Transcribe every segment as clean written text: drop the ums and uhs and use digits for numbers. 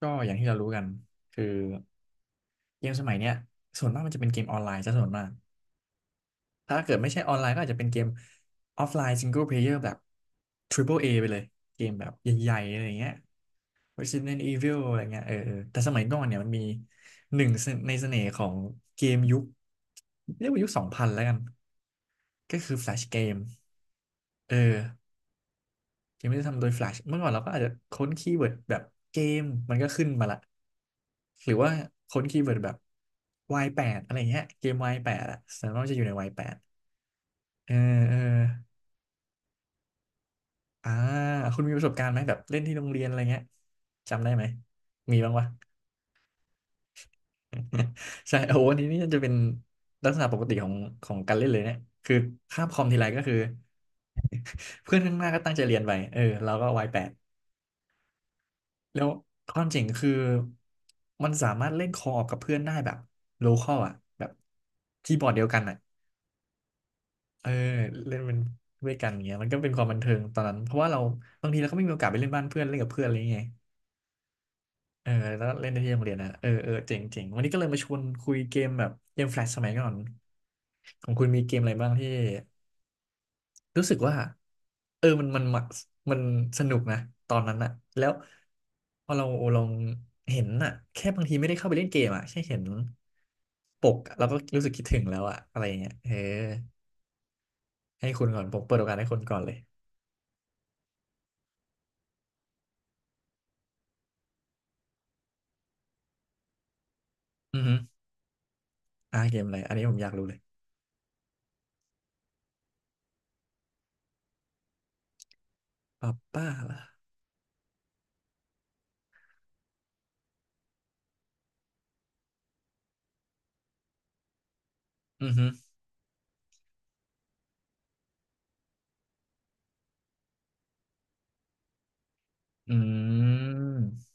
ก็อย่างที่เรารู้กันคือเกมสมัยเนี้ยส่วนมากมันจะเป็นเกมออนไลน์ซะส่วนมากถ้าเกิดไม่ใช่ออนไลน์ก็อาจจะเป็นเกมออฟไลน์ซิงเกิลเพลเยอร์แบบ Triple A ไปเลยเกมแบบใหญ่ๆอะไรเงี้ย Resident Evil อะไรเงี้ยเออเออแต่สมัยก่อนเนี่ยมันมีหนึ่งในเสน่ห์ของเกมยุคเรียกว่ายุคสองพันแล้วกันก็คือ Flash Game เออ ยังไม่ได้ทำโดย Flash เมื่อก่อนเราก็อาจจะค้นคีย์เวิร์ดแบบเกมมันก็ขึ้นมาละหรือว่าค้นคีย์เวิร์ดแบบ Y8 อะไรเงี้ยเกม Y8 อะส่วนมากจะอยู่ใน Y8 เออเอออ่าคุณมีประสบการณ์ไหมแบบเล่นที่โรงเรียนอะไรเงี้ยจำได้ไหม มีบ้างวะ ใช่โอ้โหอันนี้นี่จะเป็นลักษณะปกติของของการเล่นเลยเนี่ย คือคาบคอมทีไรก็คือ เพื่อนข้างหน้าก็ตั้งใจเรียนไปเออเราก็วายแปด แล้วความเจ๋งคือมันสามารถเล่นคอออกกับเพื่อนได้แบบโลคอลอ่ะแบบคีย์บอร์ดเดียวกันอ่ะเออเล่นเป็นด้วยกันอย่างเงี้ยมันก็เป็นความบันเทิงตอนนั้นเพราะว่าเราบางทีเราก็ไม่มีโอกาสไปเล่นบ้านเพื่อนเล่นกับเพื่อนอะไรอย่างเงี้ยเออแล้วเล่นได้ที่โรงเรียนนะเออเออเจ๋งเจ๋งวันนี้ก็เลยมาชวนคุยเกมแบบเกมแฟลชสมัยก่อนของคุณมีเกมอะไรบ้างที่ รู้สึกว่าเออมันมันสนุกนะตอนนั้นอะแล้วพอเราลองเห็นอะแค่บางทีไม่ได้เข้าไปเล่นเกมอะแค่เห็นปกเราก็รู้สึกคิดถึงแล้วอะอะไรอย่างเงี้ยเออให้คุณก่อนผมเปิดโอกาสให้คุณก่อนเลยอือฮึเกมอะไรอันนี้ผมอยากรู้เลยป้าป้าล่ะอือฮึอืม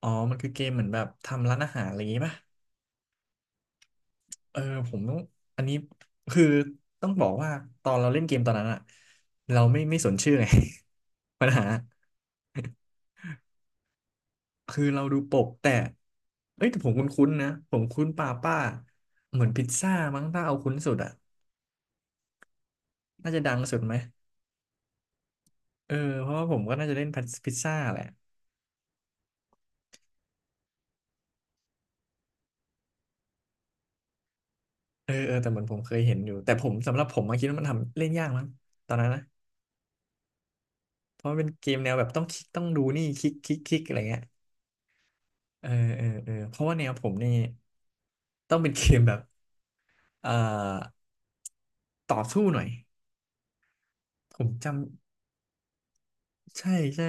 อ๋อมันคือเกมเหมือนแบบทำร้านอาหารอะไรอย่างงี้ป่ะ เออผมต้องอันนี้คือต้องบอกว่าตอนเราเล่นเกมตอนนั้นอะเราไม่สนชื่อไง ปัญหาคือเราดูปกแต่เอ้ยแต่ผมคุ้นๆนะผมคุ้นป้าป้าเหมือนพิซซ่ามั้งถ้าเอาคุ้นสุดอะน่าจะดังสุดไหมเออเพราะว่าผมก็น่าจะเล่นพิซซ่าแหละเออเออแต่เหมือนผมเคยเห็นอยู่แต่ผมสำหรับผมมาคิดว่ามันทำเล่นยากมั้งตอนนั้นนะเพราะมันเป็นเกมแนวแบบต้องคลิกต้องดูนี่คลิกคลิกคลิกอะไรเงี้ยเออเออเออเพราะว่าแนวผมนี่ต้องเป็นเกมแบบ เอ่อต่อสู้หน่อยผมจำใช่ใช่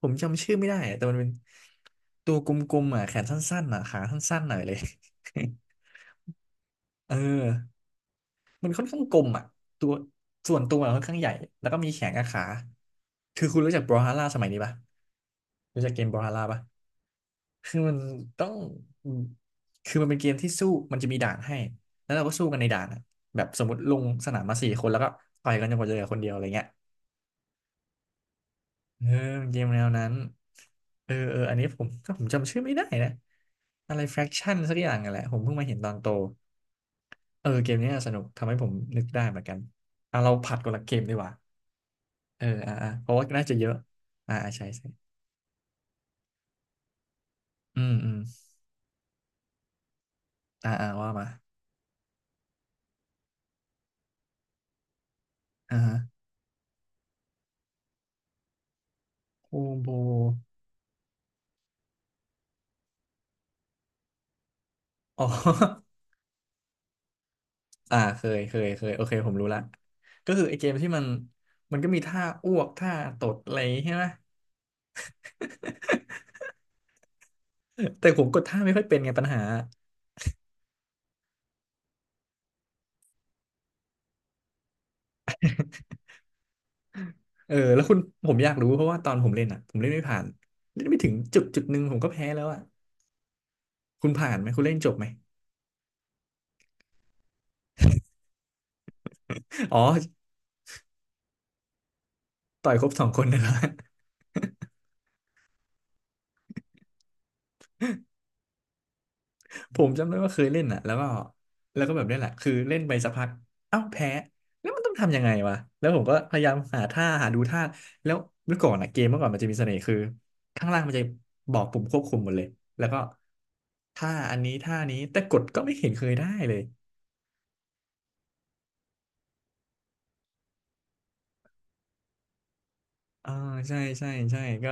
ผมจำชื่อไม่ได้อะแต่มันเป็นตัวกลมๆอ่ะแขนสั้นๆอ่ะขาสั้นๆหน่อยเลย เออมันค่อนข้างกลมอ่ะตัวส่วนตัวอะค่อนข้างใหญ่แล้วก็มีแขนกับขาคือคุณรู้จักบรอฮาร่าสมัยนี้ปะรู้จักเกมบรอฮาร่าปะคือมันต้องคือมันเป็นเกมที่สู้มันจะมีด่านให้แล้วเราก็สู้กันในด่านอะแบบสมมติลงสนามมาสี่คนแล้วก็ต่อยกันจนกว่าจะเหลือคนเดียวอะไรเงี้ย เออเกมแนวนั้นเออเอออันนี้ผมก็ผมจำชื่อไม่ได้นะอะไร fraction สักอย่างอะแหละผมเพิ่งมาเห็นตอนโตเออเกมนี้น่าสนุกทำให้ผมนึกได้เหมือนกันอ่ะเราผัดคนละเกมดีกว่าเอออ่ะอ่ะเพราะว่าน่าจะเยอะอ่ะอ่ะใช่ใช่อืมอืมอ่ะอ่ะว่ามาอ่าฮะโคโบอ๋อ อ่าเคยเคยเคยโอเคผมรู้ละก็คือไอเกมที่มันก็มีท่าอ้วกท่าตดอะไรใช่ไหม แต่ผมกดท่าไม่ค่อยเป็นไงปัญหา เออแล้วคุณผมอยากรู้เพราะว่าตอนผมเล่นอ่ะผมเล่นไม่ผ่านเล่นไม่ถึงจุดจุดหนึ่งผมก็แพ้แล้วอ่ะคุณผ่านไหมคุณเล่นจบไหมอ๋อต่อยครบสองคนนะครัผ มจำได้ว่าเคยเล่นอ่ะแล้วก็แบบนี้แหละคือเล่นไปสักพักเอ้าแพ้แล้วมันต้องทำยังไงวะแล้วผมก็พยายามหาท่าหาดูท่าแล้วเมื่อก่อนอ่ะเกมเมื่อก่อนมันจะมีเสน่ห์คือข้างล่างมันจะบอกปุ่มควบคุมหมดเลยแล้วก็ท่าอันนี้ท่านี้แต่กดก็ไม่เห็นเคยได้เลย อ่าใช่ใช่ใช่ก็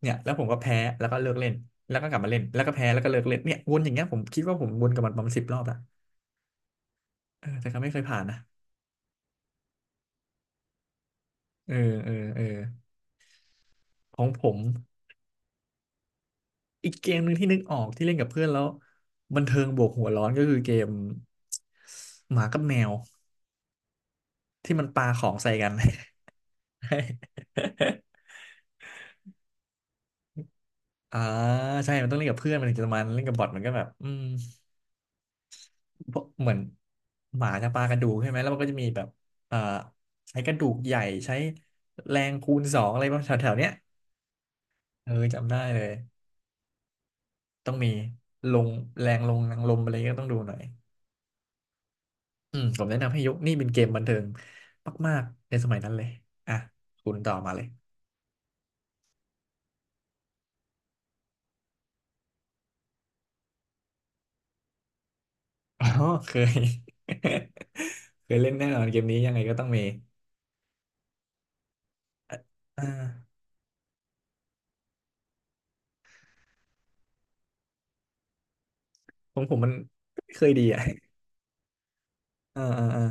เนี่ยแล้วผมก็แพ้แล้วก็เลิกเล่นแล้วก็กลับมาเล่นแล้วก็แพ้แล้วก็เลิกเล่นเนี่ยวนอย่างเงี้ยผมคิดว่าผมวนกับมันประมาณ10 รอบละเออแต่ก็ไม่เคยผ่านนะเออเออเออของผมอีกเกมหนึ่งที่นึกออกที่เล่นกับเพื่อนแล้วบันเทิงบวกหัวร้อนก็คือเกมหมากับแมวที่มันปาของใส่กัน อ่าใช่มันต้องเล่นกับเพื่อนมันถึงจะมันเล่นกับบอทมันก็แบบอืม เพราะเหมือนหมาจะปากระดูกใช่ไหม แล้วมันก็จะมีแบบเอ่อใช้กระดูกใหญ่ใช้แรงคูณสองอะไรบางแถวๆเนี้ยเออจำได้เลยต้องมีลงแรงลงแรงลมอะไรก็ต้องดูหน่อยอืมผมแนะนำให้ยกนี่เป็นเกมบันเทิงมากๆในสมัยนั้นเลยอ่ะคุณต่อมาเลยอ๋อเคย เคยเล่นแน่นอนเกมนี้ยังไงก็ต้องมีอ่ะอ่าผมมันไม่เคยดีอ่ะอ่าอ่าอ่า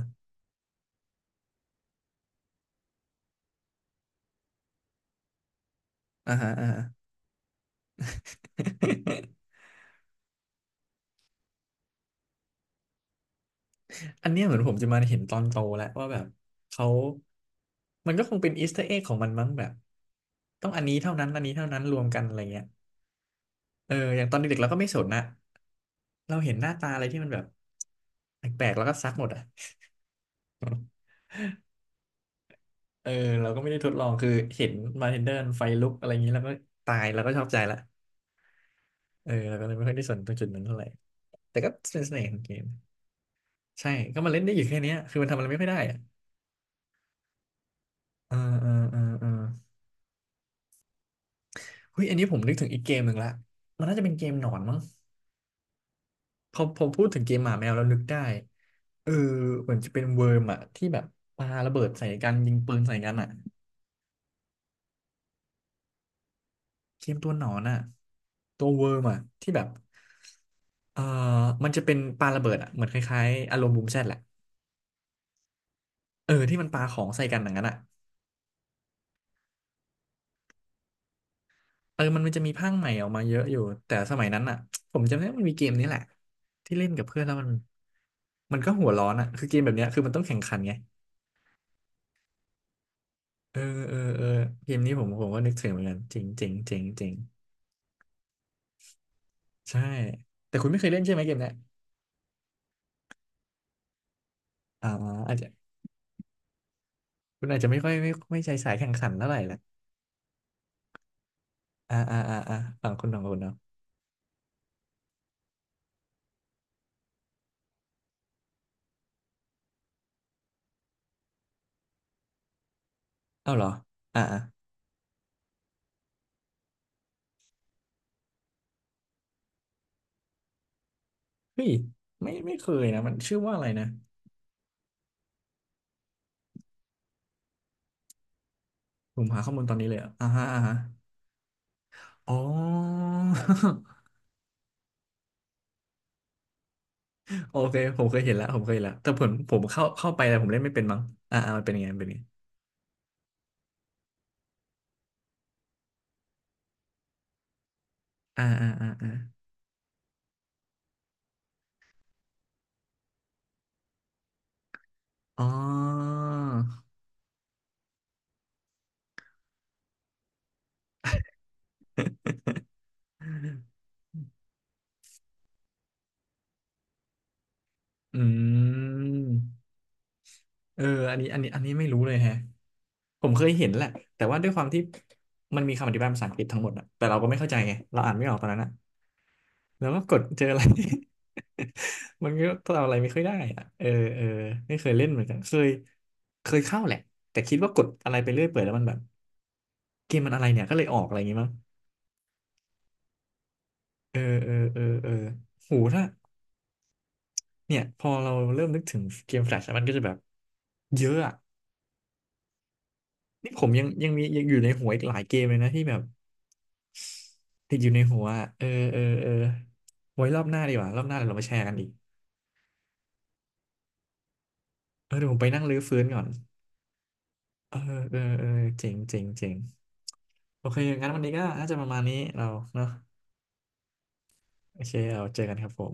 อ่าฮะอ่าฮะ อันเนี้ยเหมือนผมจะมาเห็นตอนโตแล้วว่าแบบเขามันก็คงเป็นอีสเตอร์เอ็กของมันมั้งแบบต้องอันนี้เท่านั้นอันนี้เท่านั้นรวมกันอะไรเงี้ยเอออย่างตอนเด็กๆเราก็ไม่สนนะเราเห็นหน้าตาอะไรที่มันแบบแปลกๆแล้วก็ซักหมดอ่ะเออเราก็ไม่ได้ทดลองคือเห็นมาเทนเดอร์ไฟลุกอะไรอย่างนี้แล้วก็ตายแล้วก็ชอบใจละเออเราก็เลยไม่ค่อยได้สนตรงจุดนั้นเท่าไหร่แต่ก็เป็นเสน่ห์ของเกมใช่ก็มาเล่นได้อยู่แค่เนี้ยคือมันทำอะไรไม่ค่อยได้อ่ะเออเออเออเออ เฮ้ยอันนี้ผมนึกถึงอีกเกมหนึ่งละมันน่าจะเป็นเกมหนอนมั้งพอผมพูดถึงเกมหมาแมวแล้วนึกได้เออเหมือนจะเป็นเวิร์มอะที่แบบปาระเบิดใส่กันยิงปืนใส่กันอะเกมตัวหนอนอะตัวเวิร์มอะที่แบบเอ่อมันจะเป็นปาระเบิดอะเหมือนคล้ายๆอารมณ์บูมแชทแหละเออที่มันปาของใส่กันอย่างนั้นอะเออมันจะมีภาคใหม่ออกมาเยอะอยู่ แต่สมัยนั้นอะผมจำได้ว่ามันมีเกมนี้แหละที่เล่นกับเพื่อนแล้วมันมันก็หัวร้อนอะคือเกมแบบเนี้ยคือมันต้องแข่งขันไง เออเออเออเกมนี้ผมก็นึกถึงเหมือนกันจริงจริงจริงจริงใช่แต่คุณไม่เคยเล่นใช่ไหมเกมเนี้ยอ่าอาจจะคุณอาจจะไม่ค่อยไม่ใช่สายแข่งขันเท่าไหร่ละอ่าอ่าอ่าอ่าฝั่งคุณของคุณเนาะเอาเหรออ่าอ่าเฮ้ยไม่เคยนะมันชื่อว่าอะไรนะผมหาข้อมูลตอนนี้เลยอะอ่าฮะอ่าฮะอ๋อ โอเคผมเคยเห็นแล้วผมเคยเห็นแล้วแต่ผมเข้าไปแต่ผมเล่นไม่เป็นมั้งอ่าอ่ามันเป็นยังไงมันเป็นยังไงอ่าอ่าอ่าอาอ๋อ อืมเอออันนี้อันนี้อันนี้ไม่รู้เลยแฮะผมเคยเห็นแหละแต่ว่าด้วยความที่มันมีคำอธิบายภาษาอังกฤษทั้งหมดอะแต่เราก็ไม่เข้าใจไงเราอ่านไม่ออกตอนนั้นอะแล้วก็กดเจออะไร มันก็ทำอะไรไม่ค่อยได้อะเออเออไม่เคยเล่นเหมือนกันเคยเคยเข้าแหละแต่คิดว่ากดอะไรไปเรื่อยเปื่อยแล้วมันแบบเกมมันอะไรเนี่ยก็เลยออกอะไรอย่างงี้มั้งเออเออเออเออโหถ้าเนี่ยพอเราเริ่มนึกถึงเกมแฟลชมันก็จะแบบเยอะอะ นี่ผมยังมียังอยู่ในหัวอีกหลายเกมเลยนะที่แบบติดอยู่ในหัวอะเออเออเออไว้รอบหน้าดีกว่ารอบหน้าเดี๋ยวเรามาแชร์กันอีกเออเดี๋ยวผมไปนั่งรื้อฟื้นก่อนเออเออเออเจ๋งเจ๋งเจ๋งโอเคงั้นวันนี้ก็น่าจะประมาณนี้เราเนาะโอเคเราเจอกันครับผม